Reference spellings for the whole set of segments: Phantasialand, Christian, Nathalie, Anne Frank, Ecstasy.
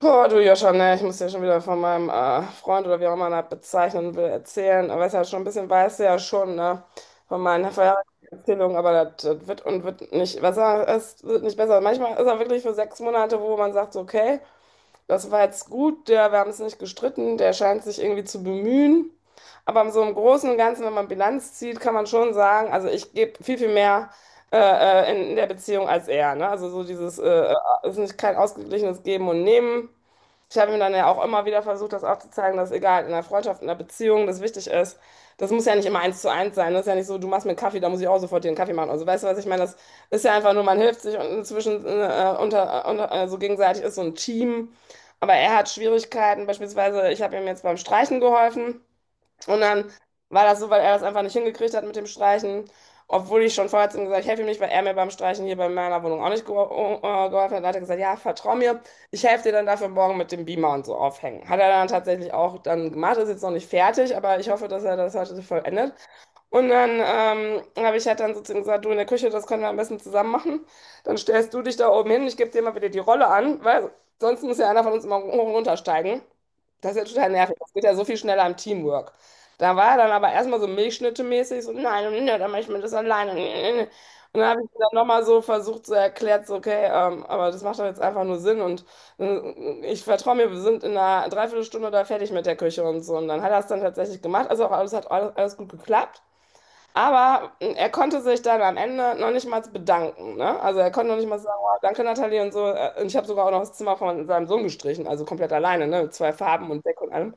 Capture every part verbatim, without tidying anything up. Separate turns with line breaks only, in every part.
Boah, du Joscha, ne, ich muss ja schon wieder von meinem äh, Freund oder wie auch immer man das bezeichnen will, erzählen. Aber es ist ja schon ein bisschen, weißt du ja schon, ne, von meinen Vorherierzählungen, aber das, das wird und wird nicht besser, es wird nicht besser. Manchmal ist er wirklich für sechs Monate, wo man sagt, so, okay, das war jetzt gut, der, wir haben es nicht gestritten, der scheint sich irgendwie zu bemühen. Aber so im Großen und Ganzen, wenn man Bilanz zieht, kann man schon sagen, also ich gebe viel, viel mehr äh, äh, in, in der Beziehung als er, ne? Also so dieses, äh, äh, ist nicht kein ausgeglichenes Geben und Nehmen. Ich habe ihm dann ja auch immer wieder versucht, das aufzuzeigen, dass egal, in der Freundschaft, in der Beziehung, das wichtig ist. Das muss ja nicht immer eins zu eins sein. Das ist ja nicht so, du machst mir einen Kaffee, da muss ich auch sofort dir einen Kaffee machen. Also weißt du, was ich meine? Das ist ja einfach nur, man hilft sich und inzwischen äh, unter, unter, äh, so gegenseitig ist so ein Team. Aber er hat Schwierigkeiten. Beispielsweise, ich habe ihm jetzt beim Streichen geholfen. Und dann war das so, weil er das einfach nicht hingekriegt hat mit dem Streichen, obwohl ich schon vorher zu ihm gesagt habe, ich helfe ihm nicht, weil er mir beim Streichen hier bei meiner Wohnung auch nicht gehol- äh, geholfen hat. Dann hat er gesagt, ja, vertrau mir, ich helfe dir dann dafür morgen mit dem Beamer und so aufhängen. Hat er dann tatsächlich auch dann gemacht, ist jetzt noch nicht fertig, aber ich hoffe, dass er das heute so vollendet. Und dann ähm, habe ich halt dann sozusagen gesagt, du in der Küche, das können wir am besten zusammen machen. Dann stellst du dich da oben hin, ich gebe dir mal wieder die Rolle an, weil sonst muss ja einer von uns immer hoch und runter steigen. Das ist ja total nervig. Das geht ja so viel schneller im Teamwork. Da war er dann aber erstmal so Milchschnitte-mäßig, so, nein, nein, nein, dann mache ich mir das alleine. Nee, nee, nee. Und dann habe ich ihm dann nochmal so versucht zu erklären, so, okay, ähm, aber das macht doch jetzt einfach nur Sinn und äh, ich vertraue mir, wir sind in einer Dreiviertelstunde da fertig mit der Küche und so. Und dann hat er es dann tatsächlich gemacht, also auch alles hat alles, alles gut geklappt. Aber äh, er konnte sich dann am Ende noch nicht mal bedanken, ne? Also er konnte noch nicht mal sagen, wow, danke Nathalie und so. Äh, Und ich habe sogar auch noch das Zimmer von seinem Sohn gestrichen, also komplett alleine, ne? Mit zwei Farben und Deck und allem.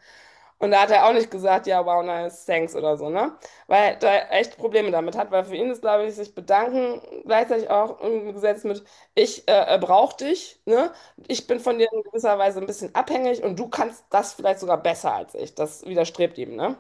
Und da hat er auch nicht gesagt, ja, wow, nice, thanks oder so, ne? Weil er echt Probleme damit hat, weil für ihn ist, glaube ich, sich bedanken gleichzeitig auch umgesetzt mit, ich äh, äh, brauch dich, ne? Ich bin von dir in gewisser Weise ein bisschen abhängig und du kannst das vielleicht sogar besser als ich. Das widerstrebt ihm, ne?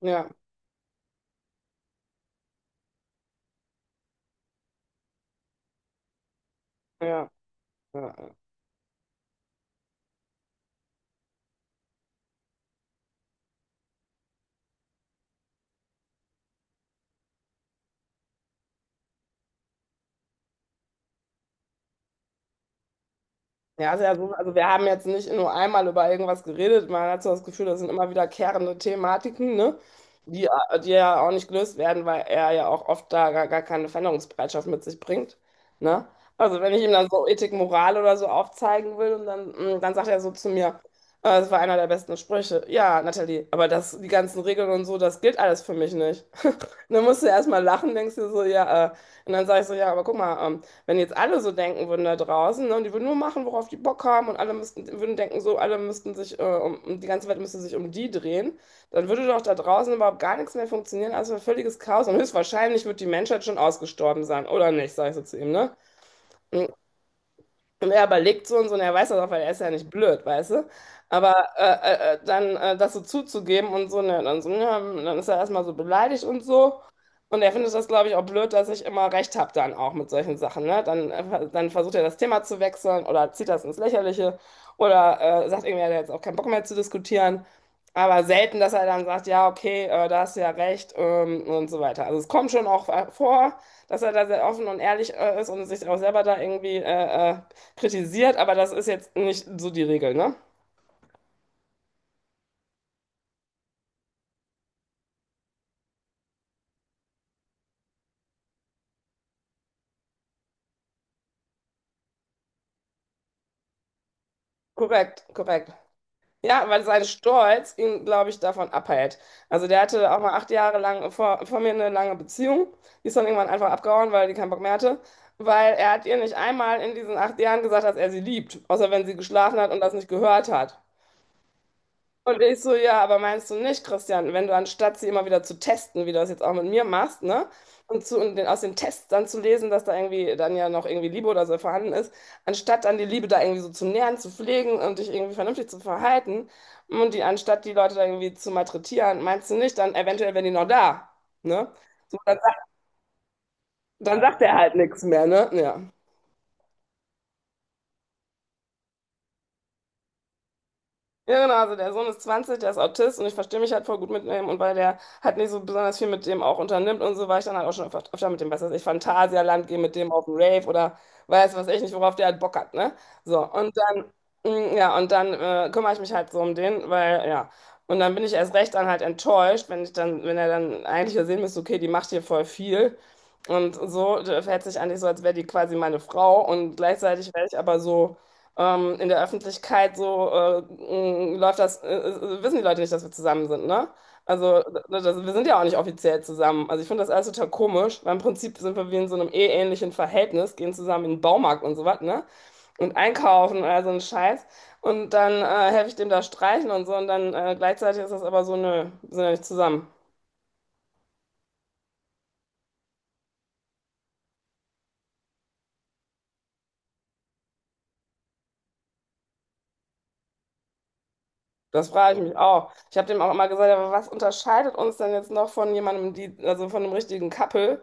Ja, ja, ja. Ja. Ja, also, also also wir haben jetzt nicht nur einmal über irgendwas geredet. Man hat so das Gefühl, das sind immer wiederkehrende Thematiken, ne? Die, äh, die ja auch nicht gelöst werden, weil er ja auch oft da gar, gar keine Veränderungsbereitschaft mit sich bringt, ne? Also wenn ich ihm dann so Ethik, Moral oder so aufzeigen will und dann, mm, dann sagt er so zu mir, äh, das war einer der besten Sprüche. Ja, Nathalie, aber das, die ganzen Regeln und so, das gilt alles für mich nicht. Dann musst du erstmal lachen, denkst dir so, ja, äh, und dann sage ich so, ja, aber guck mal, ähm, wenn jetzt alle so denken würden da draußen, ne, und die würden nur machen, worauf die Bock haben, und alle müssten, würden denken, so, alle müssten sich, äh, um, um- die ganze Welt müsste sich um die drehen, dann würde doch da draußen überhaupt gar nichts mehr funktionieren, also ein völliges Chaos. Und höchstwahrscheinlich wird die Menschheit schon ausgestorben sein, oder nicht, sag ich so zu ihm, ne? Und und er überlegt so und so, und er weiß das auch, weil er ist ja nicht blöd, weißt du? Aber äh, äh, äh, dann äh, das so zuzugeben und so, ne, dann so, ja, dann ist er erstmal so beleidigt und so. Und er findet das, glaube ich, auch blöd, dass ich immer recht habe dann auch mit solchen Sachen, ne? Dann, äh, dann versucht er das Thema zu wechseln oder zieht das ins Lächerliche oder äh, sagt irgendwie, er hat jetzt auch keinen Bock mehr zu diskutieren. Aber selten, dass er dann sagt, ja, okay, äh, da hast du ja recht, ähm, und so weiter. Also es kommt schon auch äh, vor, dass er da sehr offen und ehrlich äh, ist und sich auch selber da irgendwie äh, äh, kritisiert, aber das ist jetzt nicht so die Regel, ne? Korrekt, korrekt. Ja, weil sein Stolz ihn, glaube ich, davon abhält. Also der hatte auch mal acht Jahre lang vor, vor mir eine lange Beziehung. Die ist dann irgendwann einfach abgehauen, weil die keinen Bock mehr hatte. Weil er hat ihr nicht einmal in diesen acht Jahren gesagt, dass er sie liebt. Außer wenn sie geschlafen hat und das nicht gehört hat. Und ich so, ja, aber meinst du nicht, Christian, wenn du anstatt sie immer wieder zu testen, wie du das jetzt auch mit mir machst, ne? Und, zu, und den, aus den Tests dann zu lesen, dass da irgendwie dann ja noch irgendwie Liebe oder so vorhanden ist, anstatt dann die Liebe da irgendwie so zu nähren, zu pflegen und dich irgendwie vernünftig zu verhalten und die anstatt die Leute da irgendwie zu malträtieren, meinst du nicht, dann eventuell wären die noch da, ne? So, dann, sagt- dann sagt er halt nichts mehr, ne? Ja. Ja, genau, also der Sohn ist zwanzig, der ist Autist und ich verstehe mich halt voll gut mit ihm und weil der halt nicht so besonders viel mit dem auch unternimmt und so, war ich dann halt auch schon öfter, öfter mit dem, was weiß ich, Phantasialand, gehe mit dem auf den Rave oder weiß was ich nicht, worauf der halt Bock hat, ne? So, und dann, mm, ja, und dann äh, kümmere ich mich halt so um den, weil, ja, und dann bin ich erst recht dann halt enttäuscht, wenn ich dann, wenn er dann eigentlich ja sehen müsste, okay, die macht hier voll viel und so, der verhält sich eigentlich so, als wäre die quasi meine Frau und gleichzeitig wäre ich aber so, ähm, in der Öffentlichkeit so äh, mh, läuft das, äh, äh, wissen die Leute nicht, dass wir zusammen sind, ne? Also ne, das, wir sind ja auch nicht offiziell zusammen. Also ich finde das alles total komisch, weil im Prinzip sind wir wie in so einem eheähnlichen Verhältnis, gehen zusammen in den Baumarkt und so was, ne? Und einkaufen und all so ein Scheiß. Und dann äh, helfe ich dem da streichen und so. Und dann äh, gleichzeitig ist das aber so, nö, wir sind ja nicht zusammen. Das frage ich mich auch. Ich habe dem auch immer gesagt, aber was unterscheidet uns denn jetzt noch von jemandem, die, also von einem richtigen Couple?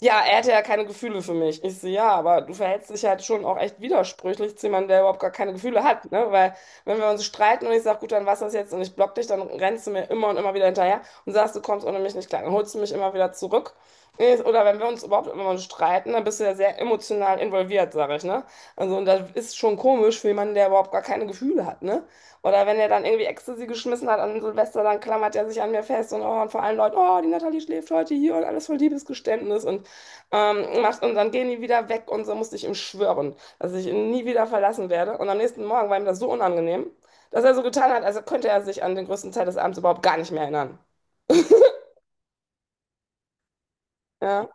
Ja, er hätte ja keine Gefühle für mich. Ich so, ja, aber du verhältst dich halt schon auch echt widersprüchlich zu jemandem, der überhaupt gar keine Gefühle hat, ne? Weil wenn wir uns streiten und ich sage, gut, dann was das jetzt und ich block dich, dann rennst du mir immer und immer wieder hinterher und sagst, du kommst ohne mich nicht klar. Dann holst du mich immer wieder zurück. Ich- Oder wenn wir uns überhaupt immer mal streiten, dann bist du ja sehr emotional involviert, sage ich, ne? Also, und das ist schon komisch für jemanden, der überhaupt gar keine Gefühle hat, ne? Oder wenn er dann irgendwie Ecstasy geschmissen hat an Silvester, dann klammert er sich an mir fest und, oh, und vor allen Leuten, oh, die Natalie schläft heute hier und alles voll Liebesgeständnis und ähm, macht und dann gehen die wieder weg und so musste ich ihm schwören, dass ich ihn nie wieder verlassen werde. Und am nächsten Morgen war ihm das so unangenehm, dass er so getan hat, als könnte er sich an den größten Teil des Abends überhaupt gar nicht mehr erinnern. Ja.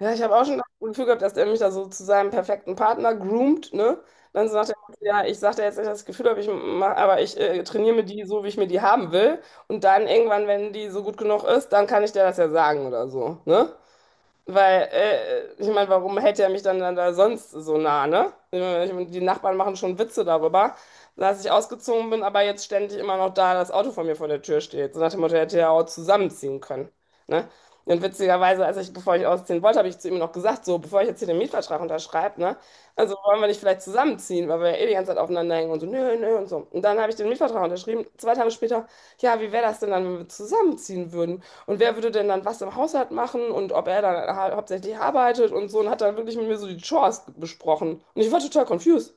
Ja, ich habe auch schon das Gefühl gehabt, dass der mich da so zu seinem perfekten Partner groomt, ne? Dann sagt er, ja, ich sag dir jetzt nicht das Gefühl, habe ich mach, aber ich äh, trainiere mir die so, wie ich mir die haben will. Und dann irgendwann, wenn die so gut genug ist, dann kann ich dir das ja sagen oder so, ne? Weil, äh, ich meine, warum hält er mich dann, dann da sonst so nah, ne? Ich mein, die Nachbarn machen schon Witze darüber, dass ich ausgezogen bin, aber jetzt ständig immer noch da das Auto von mir vor der Tür steht. So nach dem Motto, er hätte er auch zusammenziehen können, ne? Und witzigerweise, als ich, bevor ich ausziehen wollte, habe ich zu ihm noch gesagt, so, bevor ich jetzt hier den Mietvertrag unterschreibe, ne? Also wollen wir nicht vielleicht zusammenziehen, weil wir ja eh die ganze Zeit aufeinander hängen und so, nö, nö und so. Und dann habe ich den Mietvertrag unterschrieben. Zwei Tage später, ja, wie wäre das denn dann, wenn wir zusammenziehen würden? Und wer würde denn dann was im Haushalt machen und ob er dann ha hauptsächlich arbeitet und so und hat dann wirklich mit mir so die Chores besprochen. Und ich war total confused.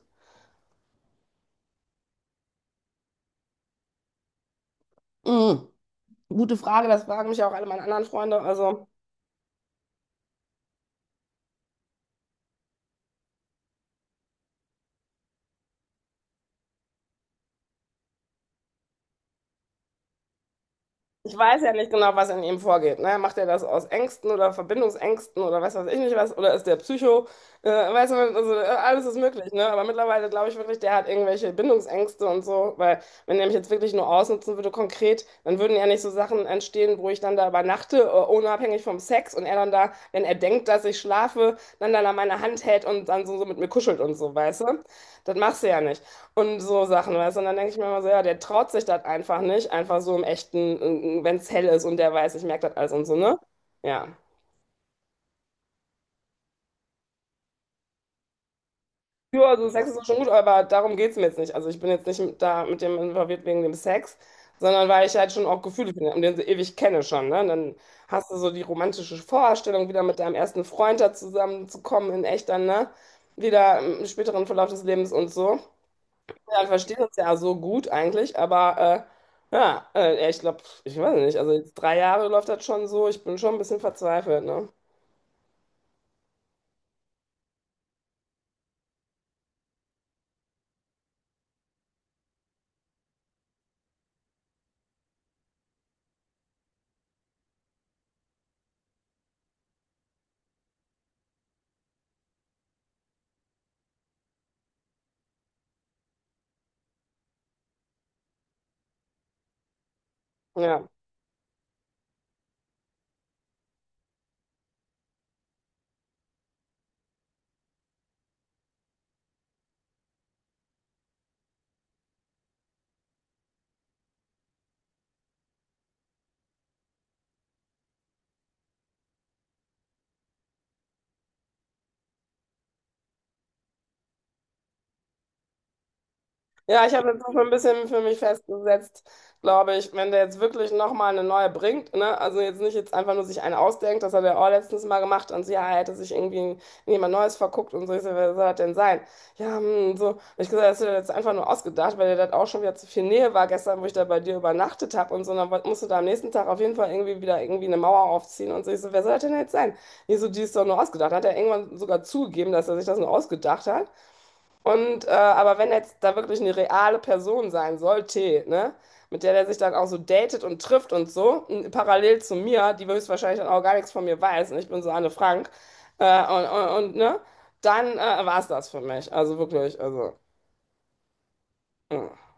Mm, gute Frage, das fragen mich ja auch alle meine anderen Freunde. Also. Ich weiß ja nicht genau, was in ihm vorgeht. Ne? Macht er das aus Ängsten oder Verbindungsängsten oder weiß was ich nicht was? Oder ist der Psycho? Äh, weißt du, also äh, alles ist möglich. Ne? Aber mittlerweile glaube ich wirklich, der hat irgendwelche Bindungsängste und so. Weil wenn er mich jetzt wirklich nur ausnutzen würde konkret, dann würden ja nicht so Sachen entstehen, wo ich dann da übernachte, äh, unabhängig vom Sex. Und er dann da, wenn er denkt, dass ich schlafe, dann dann an meiner Hand hält und dann so, so mit mir kuschelt und so, weißt du? Das machst du ja nicht. Und so Sachen, weißt du? Und dann denke ich mir immer so, ja, der traut sich das einfach nicht, einfach so im echten, wenn es hell ist und der weiß, ich merke das alles und so, ne? Ja. Ja, also Sex ist auch schon gut, aber darum geht es mir jetzt nicht. Also ich bin jetzt nicht mit, da mit dem involviert wegen dem Sex, sondern weil ich halt schon auch Gefühle finde und den so ewig kenne schon, ne? Und dann hast du so die romantische Vorstellung, wieder mit deinem ersten Freund da zusammenzukommen in echt dann, ne? Wieder im späteren Verlauf des Lebens und so. Ja, wir verstehen uns ja so gut eigentlich, aber äh, ja, äh, ja, ich glaube, ich weiß nicht, also jetzt drei Jahre läuft das schon so, ich bin schon ein bisschen verzweifelt, ne? Ja. Ja, ich habe jetzt auch ein bisschen für mich festgesetzt, glaube ich, wenn der jetzt wirklich nochmal eine neue bringt, ne, also jetzt nicht jetzt einfach nur sich eine ausdenkt, das hat er auch letztens mal gemacht und so, ja, er hätte sich irgendwie in jemand Neues verguckt und so, ich so, wer soll das denn sein? Ja, hm, so, und ich gesagt, das ist ja jetzt einfach nur ausgedacht, weil dir das auch schon wieder zu viel Nähe war gestern, wo ich da bei dir übernachtet habe und so, und dann woll- musst du da am nächsten Tag auf jeden Fall irgendwie wieder irgendwie eine Mauer aufziehen und so, ich so, wer soll das denn jetzt sein? Ich so, die ist doch nur ausgedacht, hat er irgendwann sogar zugegeben, dass er sich das nur ausgedacht hat. Und äh, aber wenn jetzt da wirklich eine reale Person sein sollte, ne, mit der der sich dann auch so datet und trifft und so, n- parallel zu mir, die höchstwahrscheinlich dann auch gar nichts von mir weiß, und ich bin so Anne Frank, äh, und, und, und ne, dann äh, war es das für mich. Also wirklich, also. Mm.